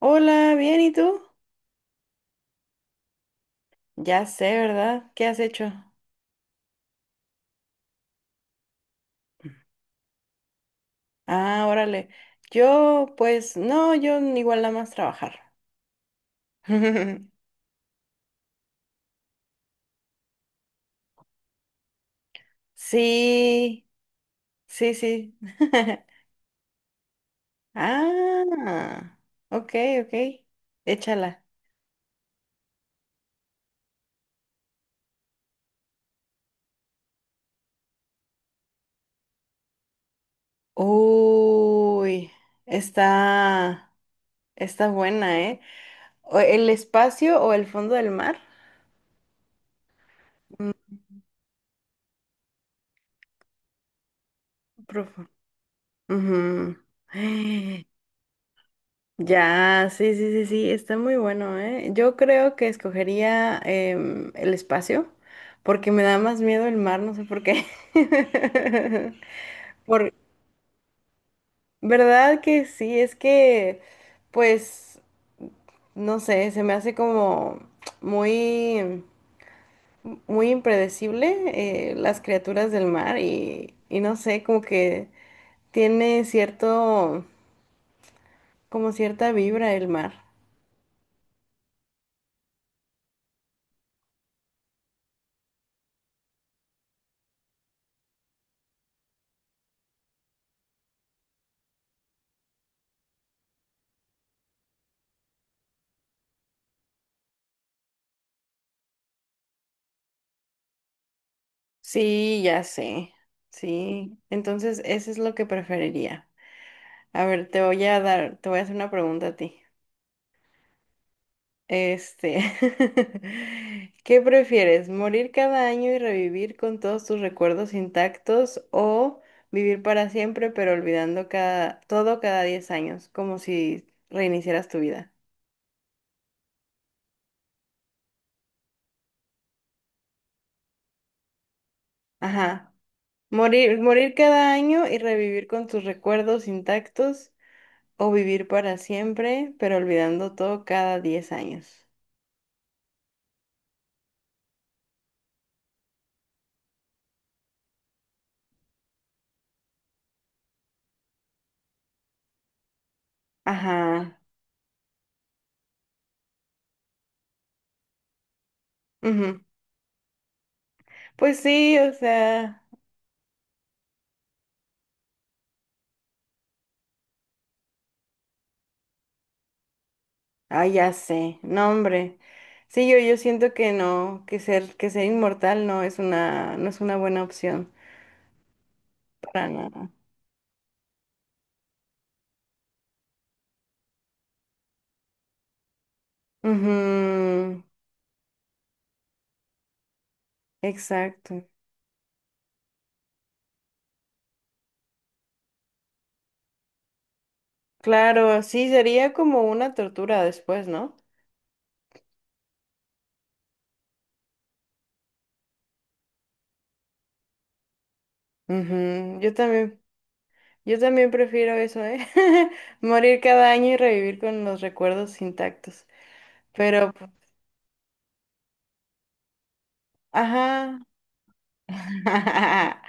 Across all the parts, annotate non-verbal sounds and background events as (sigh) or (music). Hola, bien, ¿y tú? Ya sé, ¿verdad? ¿Qué has hecho? Ah, órale. Yo, pues, no, yo igual nada más trabajar. (laughs) Sí, sí, sí. (laughs) Ah, ok, ok. Échala. Uy, está, está buena, ¿eh? ¿El espacio o el fondo del mar? Profundo. profu- Ya, sí, sí, sí, sí, está muy bueno, ¿eh? Yo creo que escogería el espacio, porque me da más miedo el mar, no sé por qué. (laughs) Por, ¿verdad que sí? Es que, pues, no sé, se me hace como muy, muy impredecible las criaturas del mar y no sé, como que tiene cierto, como cierta vibra el mar. Sí, ya sé. Sí. Entonces, eso es lo que preferiría. A ver, te voy a hacer una pregunta a ti. Este, (laughs) ¿qué prefieres? ¿Morir cada año y revivir con todos tus recuerdos intactos o vivir para siempre pero olvidando todo cada 10 años, como si reiniciaras tu vida? Ajá. Morir, morir cada año y revivir con tus recuerdos intactos. O vivir para siempre, pero olvidando todo cada 10 años. Ajá. Ujú. Pues sí, o sea. Ah, ya sé. No, hombre. Sí, yo siento que no, que ser inmortal no es una buena opción. Para nada. Ujú, exacto. Claro, sí, sería como una tortura después, ¿no? Ujú, yo también prefiero eso, ¿eh? (laughs) Morir cada año y revivir con los recuerdos intactos. Pero Ajá. (laughs)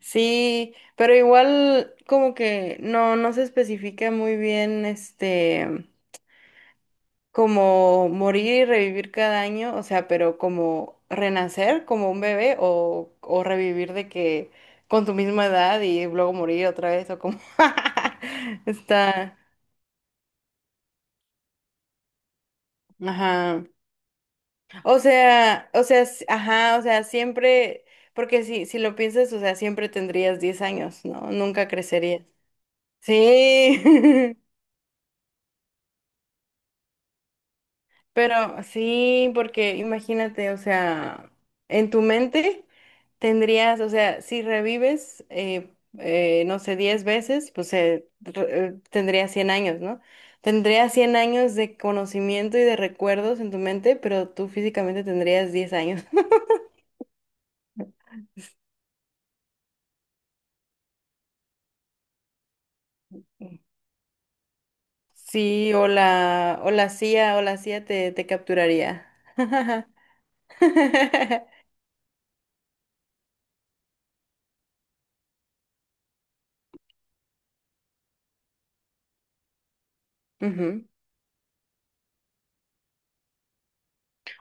Sí, pero igual como que no se especifica muy bien este como morir y revivir cada año, o sea, pero como renacer como un bebé o revivir de que con tu misma edad y luego morir otra vez o como (laughs) está, ajá. O sea, ajá, o sea, siempre, porque si lo piensas, o sea, siempre tendrías 10 años, ¿no? Nunca crecerías. Sí, (laughs) pero sí, porque imagínate, o sea, en tu mente tendrías, o sea, si revives, no sé, 10 veces, pues tendrías 100 años, ¿no? Tendrías 100 años de conocimiento y de recuerdos en tu mente, pero tú físicamente tendrías 10 años. (laughs) Sí, o la CIA te capturaría. (laughs) (laughs) Ujú.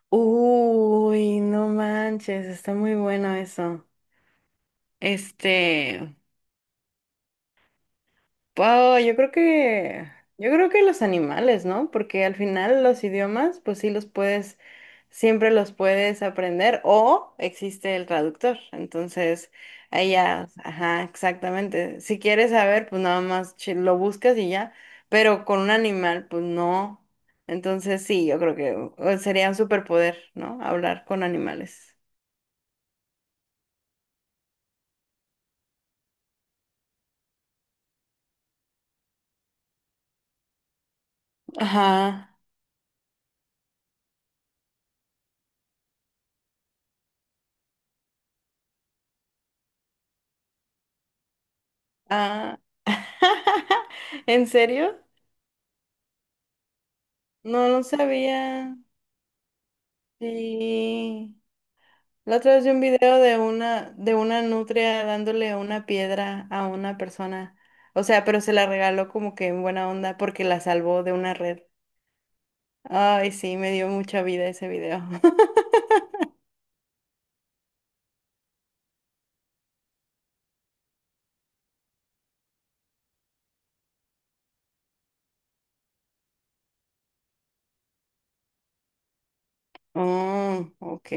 Uy, no manches, está muy bueno eso. Este, wow, yo creo que los animales, ¿no? Porque al final los idiomas, pues sí los puedes, siempre los puedes aprender o existe el traductor. Entonces, ahí ya, ajá, exactamente. Si quieres saber, pues nada más lo buscas y ya. Pero con un animal, pues no. Entonces sí, yo creo que sería un superpoder, ¿no? Hablar con animales. Ajá. Ah, (laughs) ¿en serio? No, no sabía. Sí. La otra vez vi un video de una nutria dándole una piedra a una persona. O sea, pero se la regaló como que en buena onda porque la salvó de una red. Ay, sí, me dio mucha vida ese video. (laughs) Oh, ok.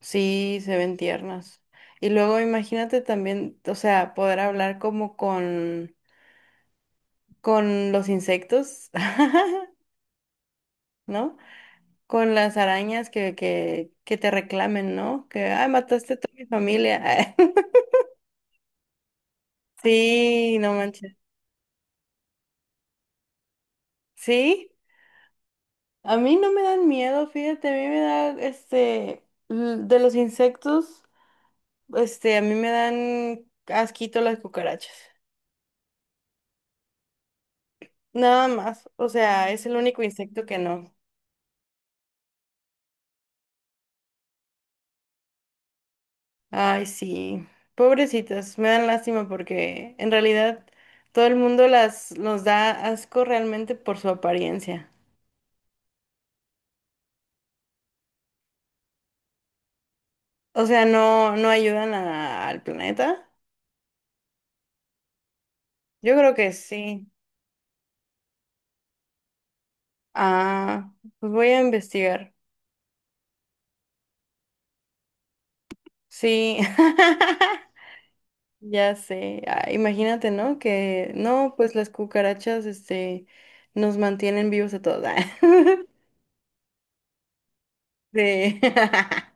Sí, se ven tiernas. Y luego imagínate también, o sea, poder hablar como con los insectos, (laughs) ¿no? Con las arañas que te reclamen, ¿no? Que, ay, mataste a toda mi familia. (laughs) Sí, no manches. Sí, a mí no me dan miedo, fíjate, a mí me da, este, de los insectos, este, a mí me dan asquito las cucarachas. Nada más, o sea, es el único insecto que no. Ay, sí, pobrecitas, me dan lástima porque en realidad todo el mundo los da asco realmente por su apariencia. O sea, no ayudan al planeta. Yo creo que sí. Ah, pues voy a investigar. Sí. (laughs) Ya sé. Ah, imagínate, ¿no? Que no, pues las cucarachas, este, nos mantienen vivos a todos. Ah, (laughs) Sí. (laughs)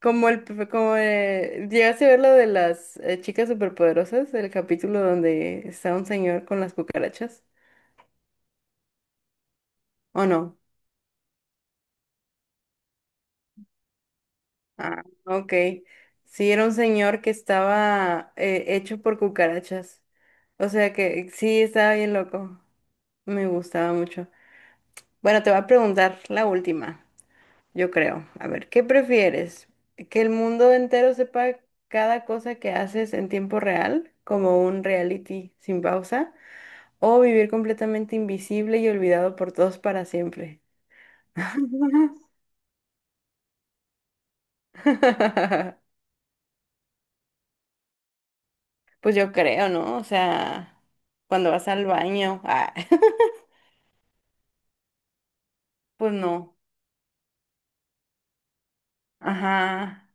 Como llegaste a ver lo de las chicas superpoderosas, el capítulo donde está un señor con las cucarachas, ¿o no? Ah, ok. Sí, era un señor que estaba hecho por cucarachas. O sea que sí, estaba bien loco. Me gustaba mucho. Bueno, te voy a preguntar la última, yo creo. A ver, ¿qué prefieres? ¿Que el mundo entero sepa cada cosa que haces en tiempo real, como un reality sin pausa? ¿O vivir completamente invisible y olvidado por todos para siempre? (laughs) Pues yo creo, ¿no? O sea, cuando vas al baño, ah, (laughs) pues no. Ajá,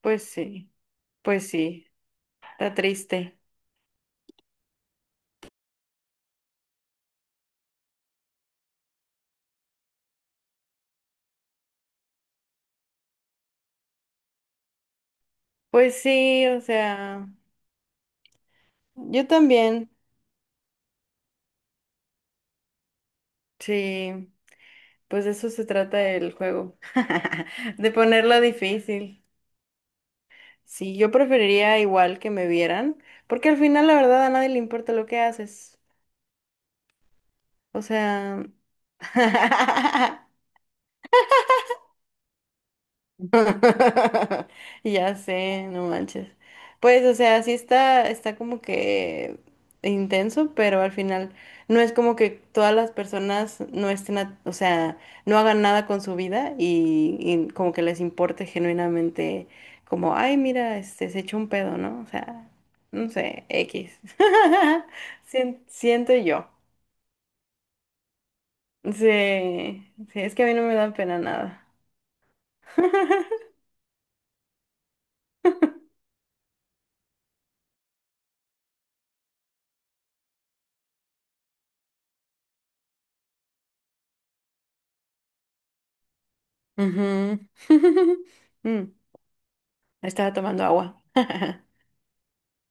pues sí, pues sí, está triste. Pues sí, o sea, yo también, sí, pues de eso se trata el juego, (laughs) de ponerlo difícil. Sí, yo preferiría igual que me vieran, porque al final la verdad a nadie le importa lo que haces. O sea. (laughs) (laughs) Ya sé, no manches. Pues, o sea, sí está como que intenso, pero al final no es como que todas las personas no estén, o sea, no hagan nada con su vida y como que les importe genuinamente, como, ay, mira, este, se echó un pedo, ¿no? O sea, no sé, X. (laughs) Siento yo. Sí, sí, es que a mí no me da pena nada. (laughs) Ujú. (laughs) Mm. Estaba tomando agua. (laughs)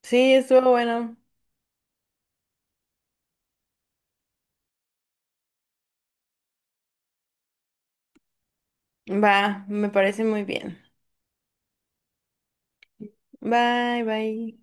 Sí, estuvo bueno. Va, me parece muy bien. Bye, bye.